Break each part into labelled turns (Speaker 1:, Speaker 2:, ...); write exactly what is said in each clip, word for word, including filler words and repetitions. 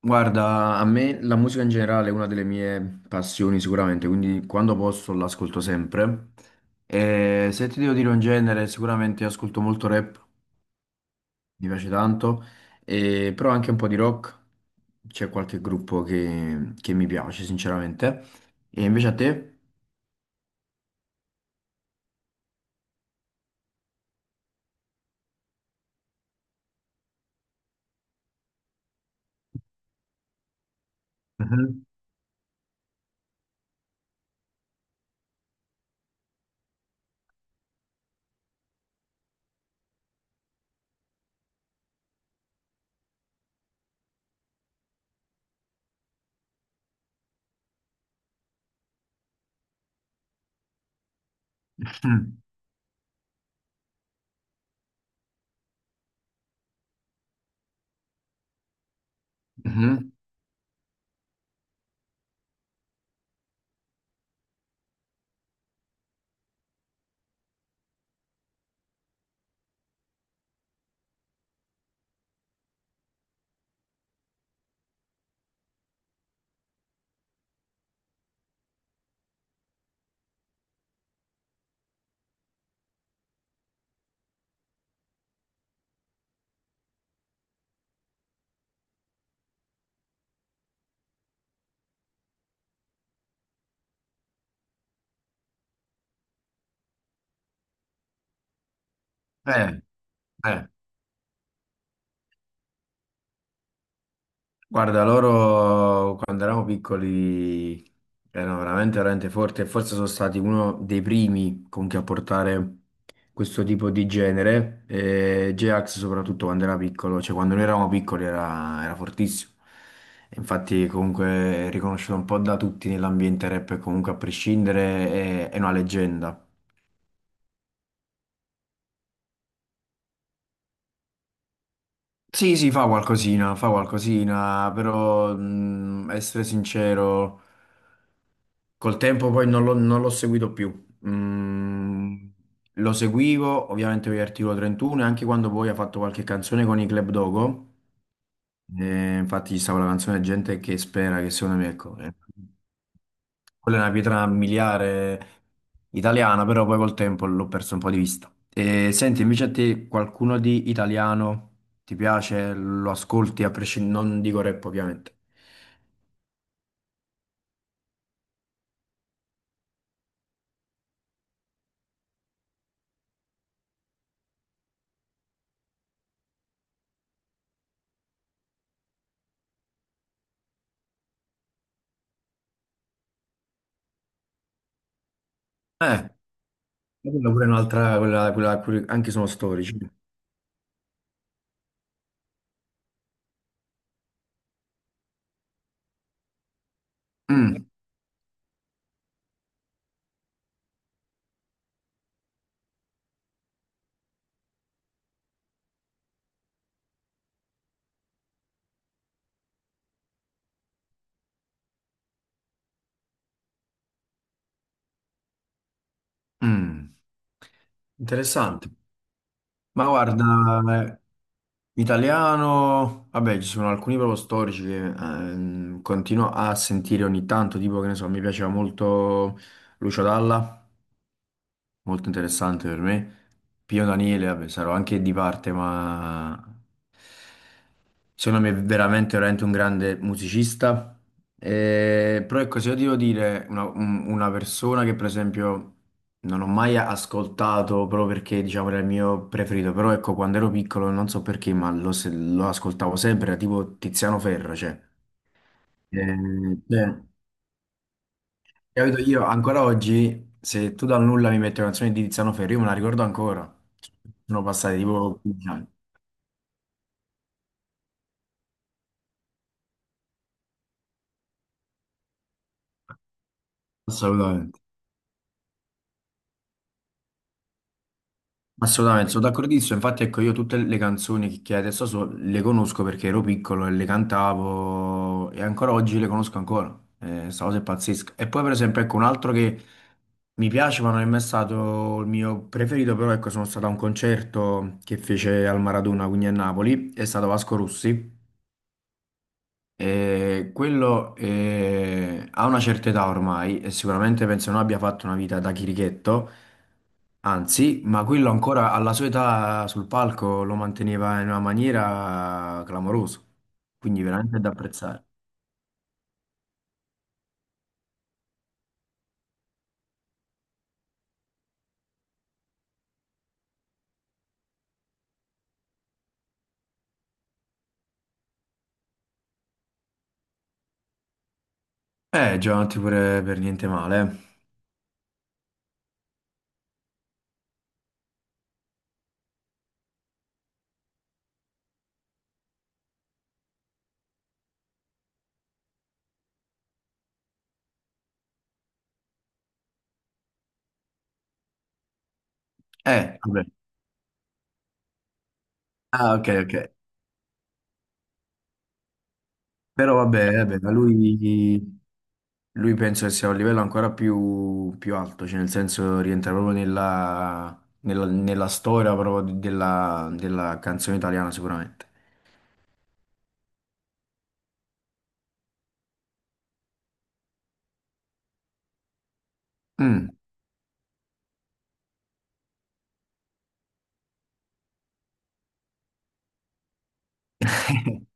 Speaker 1: Guarda, a me la musica in generale è una delle mie passioni sicuramente, quindi quando posso l'ascolto sempre. E se ti devo dire un genere, sicuramente ascolto molto rap, mi piace tanto, e- però anche un po' di rock, c'è qualche gruppo che, che mi piace sinceramente. E invece a te? Mhm. Mhm. Eh, eh. Guarda, loro quando eravamo piccoli erano veramente, veramente forti e forse sono stati uno dei primi comunque a portare questo tipo di genere. E J-Ax soprattutto quando era piccolo, cioè quando noi eravamo piccoli era, era fortissimo. E infatti comunque è riconosciuto un po' da tutti nell'ambiente rap e comunque a prescindere è, è una leggenda. Sì, sì, fa qualcosina, fa qualcosina, però mh, essere sincero. Col tempo poi non l'ho non l'ho seguito più. Mm, lo seguivo ovviamente per l'Articolo trentuno e anche quando poi ha fatto qualche canzone con i Club Dogo. Eh, infatti, ci stava la canzone Gente che spera, che secondo me, ecco, eh, quella è una pietra miliare italiana, però poi col tempo l'ho perso un po' di vista. E, senti, invece a te qualcuno di italiano ti piace? Lo ascolti a prescindere? Non dico rap, ovviamente. Eh, Quella pure è un'altra, quella, quella- quelli- anche sono storici. Mm. Mm. Interessante. Ma guarda, eh, italiano, vabbè, ci sono alcuni proprio storici che ehm, continuo a sentire ogni tanto, tipo che ne so, mi piaceva molto Lucio Dalla. Molto interessante per me. Pio Daniele, vabbè, sarò anche di parte, ma secondo me è veramente, veramente un grande musicista. Eh, però ecco, se io devo dire una, un- una persona che per esempio non ho mai ascoltato proprio perché diciamo era il mio preferito, però ecco, quando ero piccolo non so perché, ma lo, se- lo ascoltavo sempre, era tipo Tiziano Ferro, cioè. Eh, cioè, Capito? Io ancora oggi, se tu dal nulla mi metti una canzone di Tiziano Ferro, io me la ricordo ancora. Sono passati tipo quindici anni. Assolutamente. Assolutamente, sono d'accordissimo. Infatti, ecco, io tutte le canzoni che che adesso so, le conosco perché ero piccolo e le cantavo e ancora oggi le conosco ancora. Eh, sta cosa è pazzesca. E poi, per esempio, ecco, un altro che mi piace, ma non è mai stato il mio preferito, però ecco, sono stato a un concerto che fece al Maradona, quindi a Napoli, è stato Vasco Rossi. Eh, quello eh, ha una certa età ormai e sicuramente penso non abbia fatto una vita da chirichetto, anzi, ma quello ancora alla sua età sul palco lo manteneva in una maniera clamorosa, quindi veramente da apprezzare. Eh, Giovanotti pure per niente male. Eh, Eh, vabbè. Ah, ok, ok. Però vabbè, vabbè, ma lui. Lui penso che sia a un livello ancora più, più alto, cioè nel senso rientra proprio nella, nella- nella storia proprio di- della, della canzone italiana sicuramente. Mm.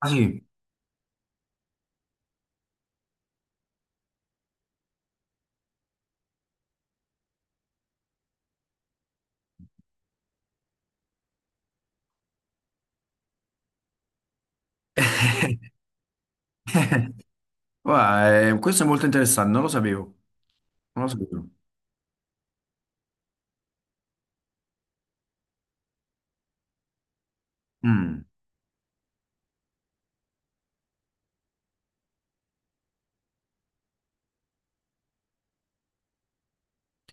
Speaker 1: Ah sì. Guarda, eh, questo è molto interessante, non lo sapevo, non lo sapevo. Mm.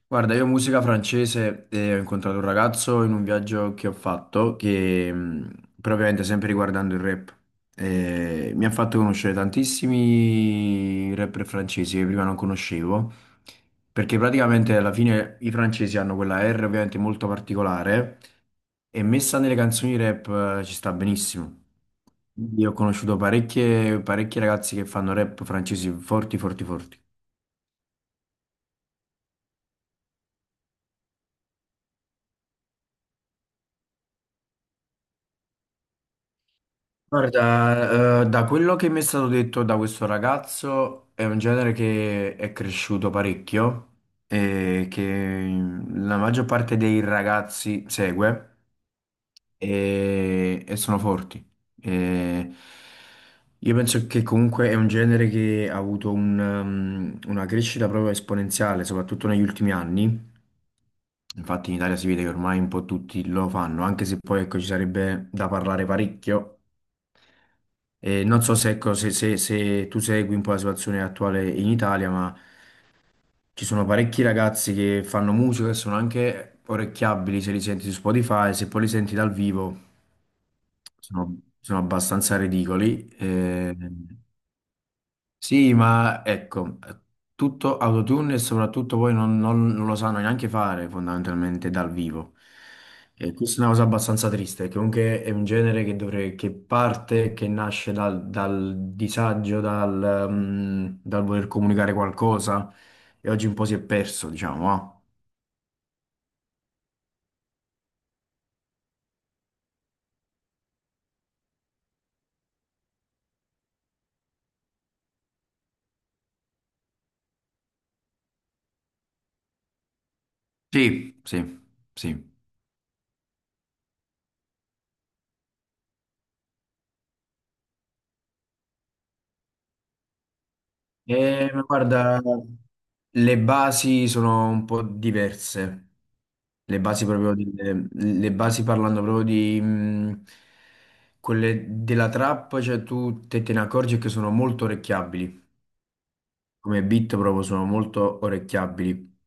Speaker 1: Guarda, io musica francese e ho incontrato un ragazzo in un viaggio che ho fatto, che mh, propriamente sempre riguardando il rap. E mi ha fatto conoscere tantissimi rapper francesi che prima non conoscevo, perché praticamente alla fine i francesi hanno quella R ovviamente molto particolare e messa nelle canzoni rap eh, ci sta benissimo. Io ho conosciuto parecchie, parecchi ragazzi che fanno rap francesi forti, forti, forti. Guarda, eh, da quello che mi è stato detto da questo ragazzo è un genere che è cresciuto parecchio e che la maggior parte dei ragazzi segue e, e sono forti. E io penso che comunque è un genere che ha avuto un, um, una crescita proprio esponenziale, soprattutto negli ultimi anni. Infatti in Italia si vede che ormai un po' tutti lo fanno, anche se poi ecco, ci sarebbe da parlare parecchio eh, non so se, ecco, se- se- se tu segui un po' la situazione attuale in Italia, ma ci sono parecchi ragazzi che fanno musica e sono anche orecchiabili se li senti su Spotify, se poi li senti dal vivo sono, sono abbastanza ridicoli. Eh, sì, ma ecco, tutto autotune e soprattutto poi non, non- non lo sanno neanche fare fondamentalmente dal vivo. E questa è una cosa abbastanza triste, che comunque è un genere che, dovre- che parte, che nasce dal, dal disagio, dal, mm, dal voler comunicare qualcosa e oggi un po' si è perso, diciamo. ah. Sì, sì, sì. Eh, ma guarda, le basi sono un po' diverse. Le basi proprio delle- le basi parlando proprio di mh, quelle della trap, cioè tu te, te ne accorgi che sono molto orecchiabili, come beat proprio sono molto orecchiabili,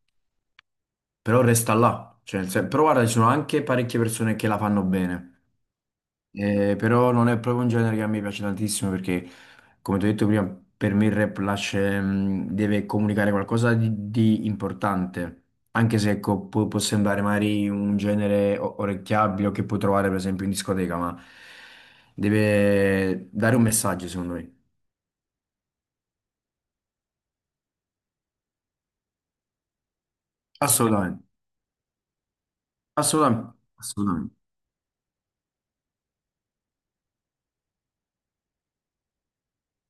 Speaker 1: però resta là, cioè, se- però guarda, ci sono anche parecchie persone che la fanno bene. Eh, però non è proprio un genere che a me piace tantissimo perché, come ti ho detto prima, per me il rap lascia, mh, deve comunicare qualcosa di, di importante, anche se ecco, può, può sembrare magari un genere o- orecchiabile o che puoi trovare per esempio in discoteca, ma deve dare un messaggio secondo me. Assolutamente, assolutamente, assolutamente.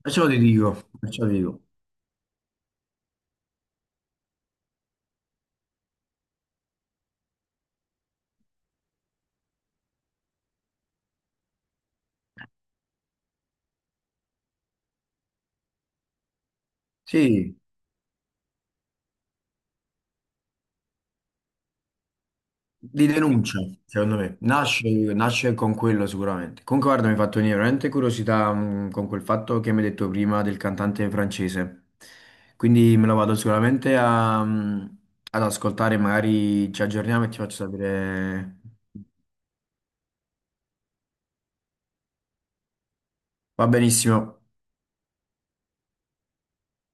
Speaker 1: Perciò ti dico, perciò ti dico. Sì. Di denuncia, secondo me, nasce, nasce con quello sicuramente. Comunque, guarda, mi ha fatto venire veramente curiosità, mh, con quel fatto che mi hai detto prima del cantante francese. Quindi me lo vado sicuramente a, mh, ad ascoltare, magari ci aggiorniamo e ti faccio sapere. Va benissimo.